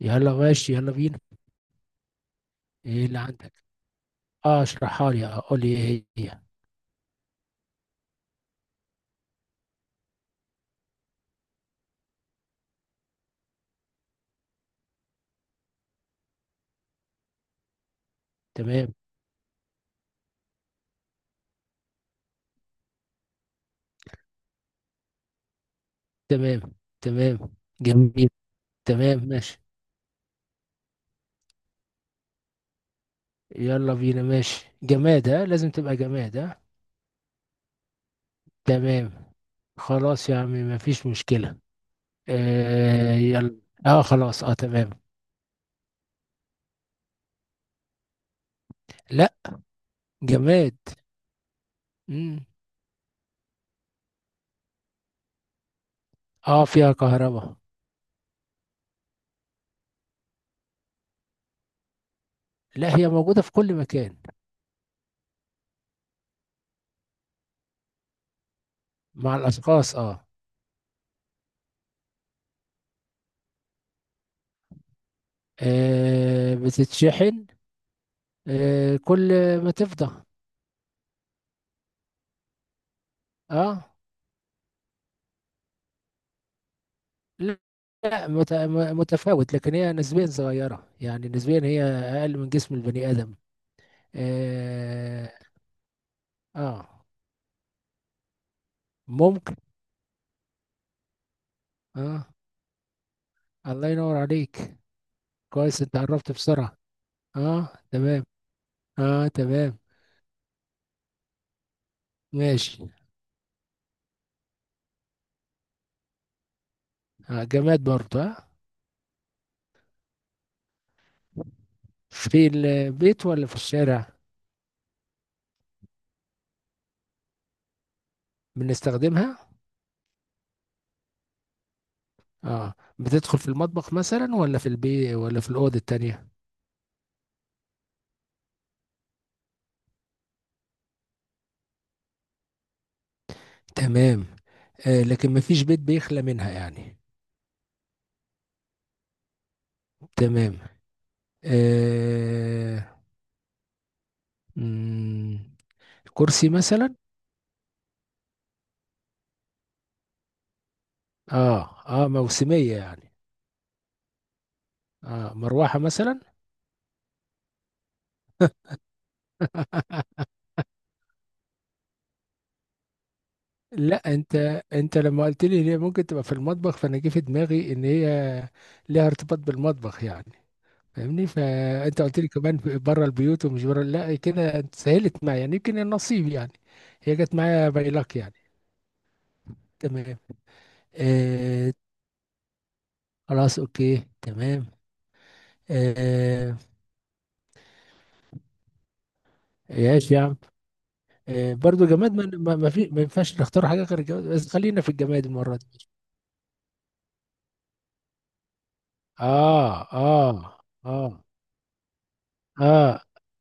يلا ماشي، يلا بينا. ايه اللي عندك؟ اه، اشرحها لي. اه، قول لي ايه هي. تمام، تمام، تمام. جميل. تمام، ماشي. يلا بينا، ماشي. جماد؟ ها، لازم تبقى جماد، ها. تمام. خلاص يا عم، مفيش مشكلة. آه، يلا. اه خلاص، اه تمام. لا. جماد. مم. اه، فيها كهرباء. لا، هي موجودة في كل مكان. مع الأشخاص، اه. آه، بتتشحن. آه، كل ما تفضى. اه. لا لا، متفاوت، لكن هي نسبيا صغيرة، يعني نسبيا هي أقل من جسم البني آدم. آه. آه، ممكن. آه. الله ينور عليك. كويس، أنت عرفت بسرعة. آه تمام، آه تمام. ماشي. آه، جماد برضه، آه. في البيت ولا في الشارع؟ بنستخدمها. آه، بتدخل في المطبخ مثلا، ولا في البيت، ولا في الأوضة التانية؟ تمام. آه، لكن مفيش بيت بيخلى منها يعني. تمام. آه. مم، كرسي مثلا. اه، اه، موسمية يعني. اه، مروحة مثلا. لا انت، انت لما قلت لي ان هي ممكن تبقى في المطبخ، فانا جه في دماغي ان هي ليها ارتباط بالمطبخ يعني. فاهمني؟ فانت قلت لي كمان بره البيوت ومش بره، لا كده انت سهلت معايا، يعني يمكن النصيب يعني. هي جت معايا، باي لك يعني. تمام. آه، خلاص اوكي تمام. آه. يا عم. آه، برضو جماد. ما ينفعش نختار حاجة غير الجماد، بس خلينا في الجماد المرة دي. اه، اه، اه، اه،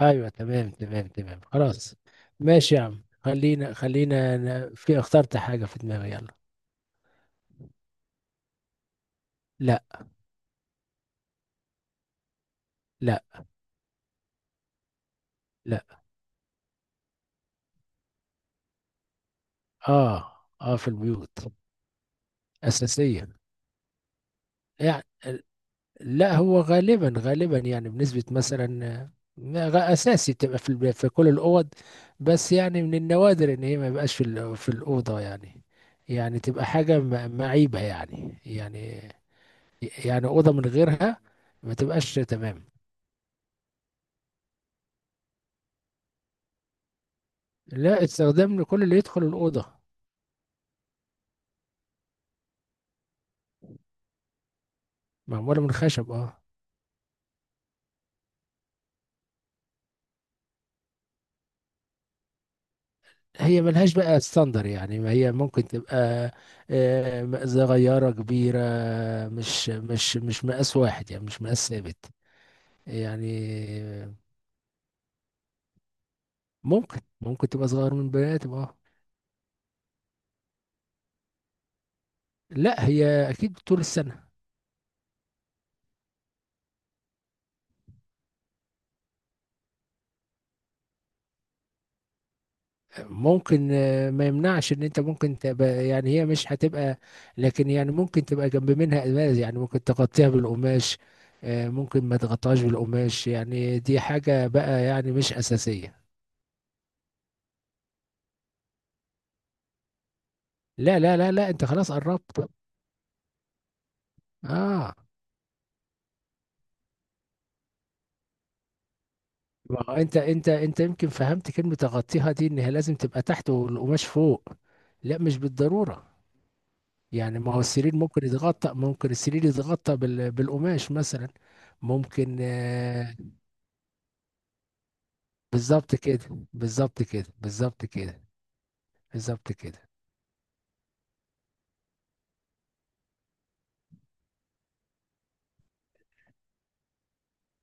ايوه تمام، تمام، تمام، خلاص. ماشي يا عم. خلينا أنا في اخترت حاجة في دماغي، يلا. لا، لا، لا. اه، اه، في البيوت. أساسية يعني. لا هو غالبا يعني، بنسبة مثلا، آه، أساسي بتبقى في في كل الأوض، بس يعني من النوادر إن هي ما يبقاش في في الأوضة يعني، يعني تبقى حاجة معيبة يعني، يعني. يعني أوضة من غيرها ما تبقاش، تمام. لا، استخدام لكل اللي يدخل الأوضة. معمولة من خشب، اه. هي ملهاش بقى ستاندر، يعني ما هي ممكن تبقى آه، صغيرة كبيرة. مش مقاس واحد يعني، مش مقاس ثابت يعني. ممكن، تبقى صغير من البني ادم، اه. لا هي اكيد طول السنه. ممكن، آه، ما يمنعش ان انت ممكن تبقى، يعني هي مش هتبقى، لكن يعني ممكن تبقى جنب منها قماش يعني، ممكن تغطيها بالقماش آه، ممكن ما تغطاش بالقماش يعني. دي حاجه بقى يعني، مش اساسيه. لا، لا، لا، لا، انت خلاص قربت، اه. ما هو انت، انت يمكن فهمت كلمه تغطيها دي، ان هي لازم تبقى تحت والقماش فوق. لا، مش بالضروره. يعني ما هو السرير ممكن يتغطى، ممكن السرير يتغطى بالقماش مثلا، ممكن آه. بالظبط كده، بالظبط كده، بالظبط كده. بالظبط كده.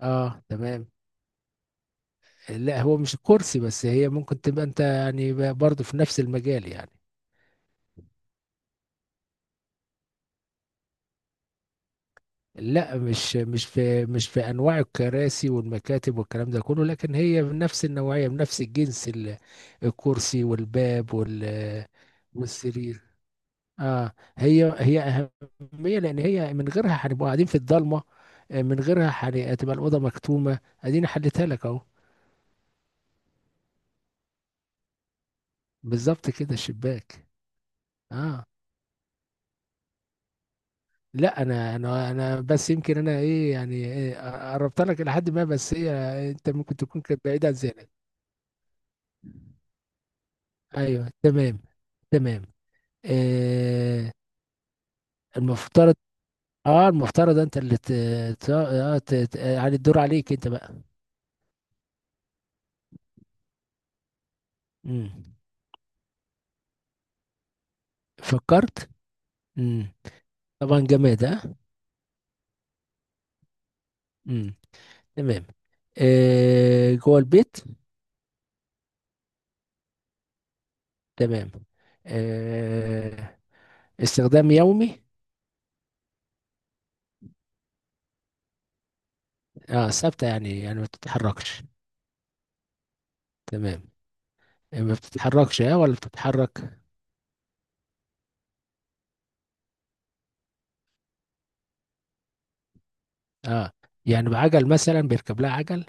اه تمام. لا هو مش الكرسي بس، هي ممكن تبقى انت يعني برضه في نفس المجال يعني. لا، مش في انواع الكراسي والمكاتب والكلام ده كله، لكن هي بنفس النوعية بنفس الجنس، الكرسي والباب والسرير، اه. هي اهميه، لان هي من غيرها هنبقى قاعدين في الضلمه، آه، من غيرها هتبقى الاوضه مكتومه. اديني حلتها لك اهو. بالظبط كده، الشباك، اه. لا انا، انا بس يمكن انا ايه يعني، إيه، قربت لك الى حد ما، بس هي انت ممكن تكون كانت بعيده عن ذهنك. ايوه تمام، تمام. آه. المفترض. انت اللي ت... ت... آه ت... ت... يعني الدور عليك انت بقى. مم. فكرت. مم. طبعا جماد، ها. امم. تمام. آه، جوه البيت. تمام. آه. استخدام يومي. اه، ثابتة يعني، يعني ما بتتحركش. تمام. آه، ما بتتحركش اه، ولا بتتحرك؟ اه، يعني بعجل مثلا، بيركب لها عجل؟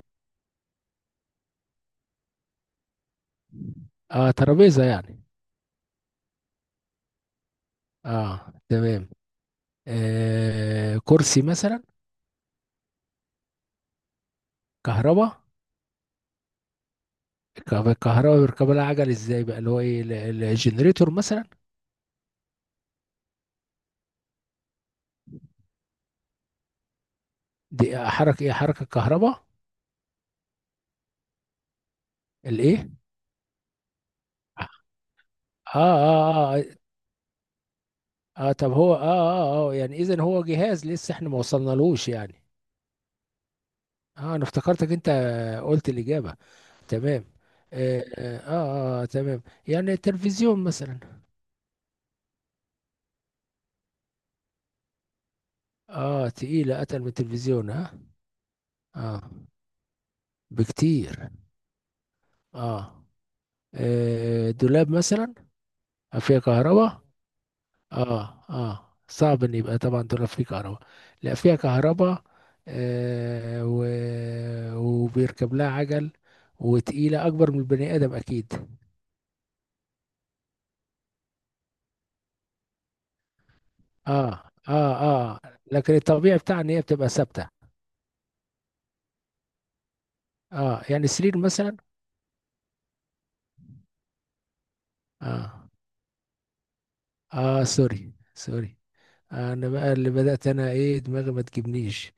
اه، ترابيزة يعني؟ اه تمام. آه، كرسي مثلا؟ كهرباء. الكهرباء بيركب لها عجل ازاي بقى؟ اللي هو ايه، الجنريتور مثلا؟ دي حركة ايه؟ حركة كهرباء؟ الايه؟ اه، اه، اه، اه طب هو، اه، اه، اه، يعني اذا هو جهاز لسه احنا ما وصلنالوش يعني. اه، انا افتكرتك انت قلت الاجابه. تمام. اه، اه، آه، آه تمام. يعني التلفزيون مثلا. اه، تقيله، اتقل من التلفزيون، اه. اه، بكتير. اه. آه، دولاب مثلا؟ آه، فيها كهرباء. اه، اه، صعب ان يبقى طبعا دولاب فيه كهرباء. لا، فيها كهرباء. آه. وبيركب لها عجل، وتقيلة أكبر من البني آدم أكيد. اه، اه، اه، لكن الطبيعي بتاعها ان هي بتبقى ثابته. اه، يعني سرير مثلا؟ اه، اه، سوري سوري. آه، انا بقى اللي بدات، انا ايه، دماغي ما تجيبنيش.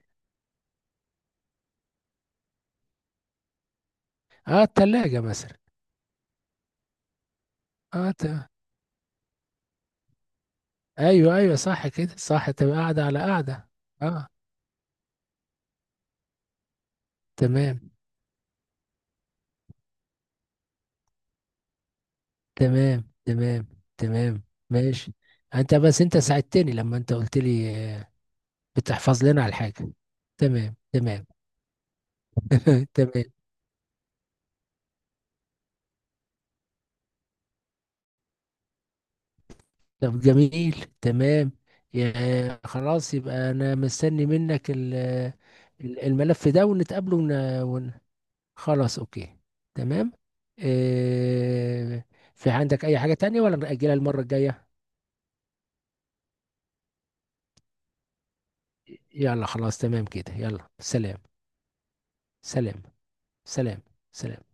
اه، التلاجة مثلا؟ اه، ايوه، ايوه، صح كده، صح تبقى قاعده على قاعده. اه تمام، تمام، تمام، تمام، ماشي. انت بس، انت ساعدتني لما انت قلت لي آه، بتحفظ لنا على الحاجه. تمام، تمام. تمام. طب جميل، تمام. يا خلاص، يبقى انا مستني منك الملف ده، ونتقابله ون... خلاص اوكي تمام. إيه... في عندك اي حاجة تانية ولا نأجلها المرة الجاية؟ يلا خلاص تمام كده، يلا سلام. سلام. سلام. سلام.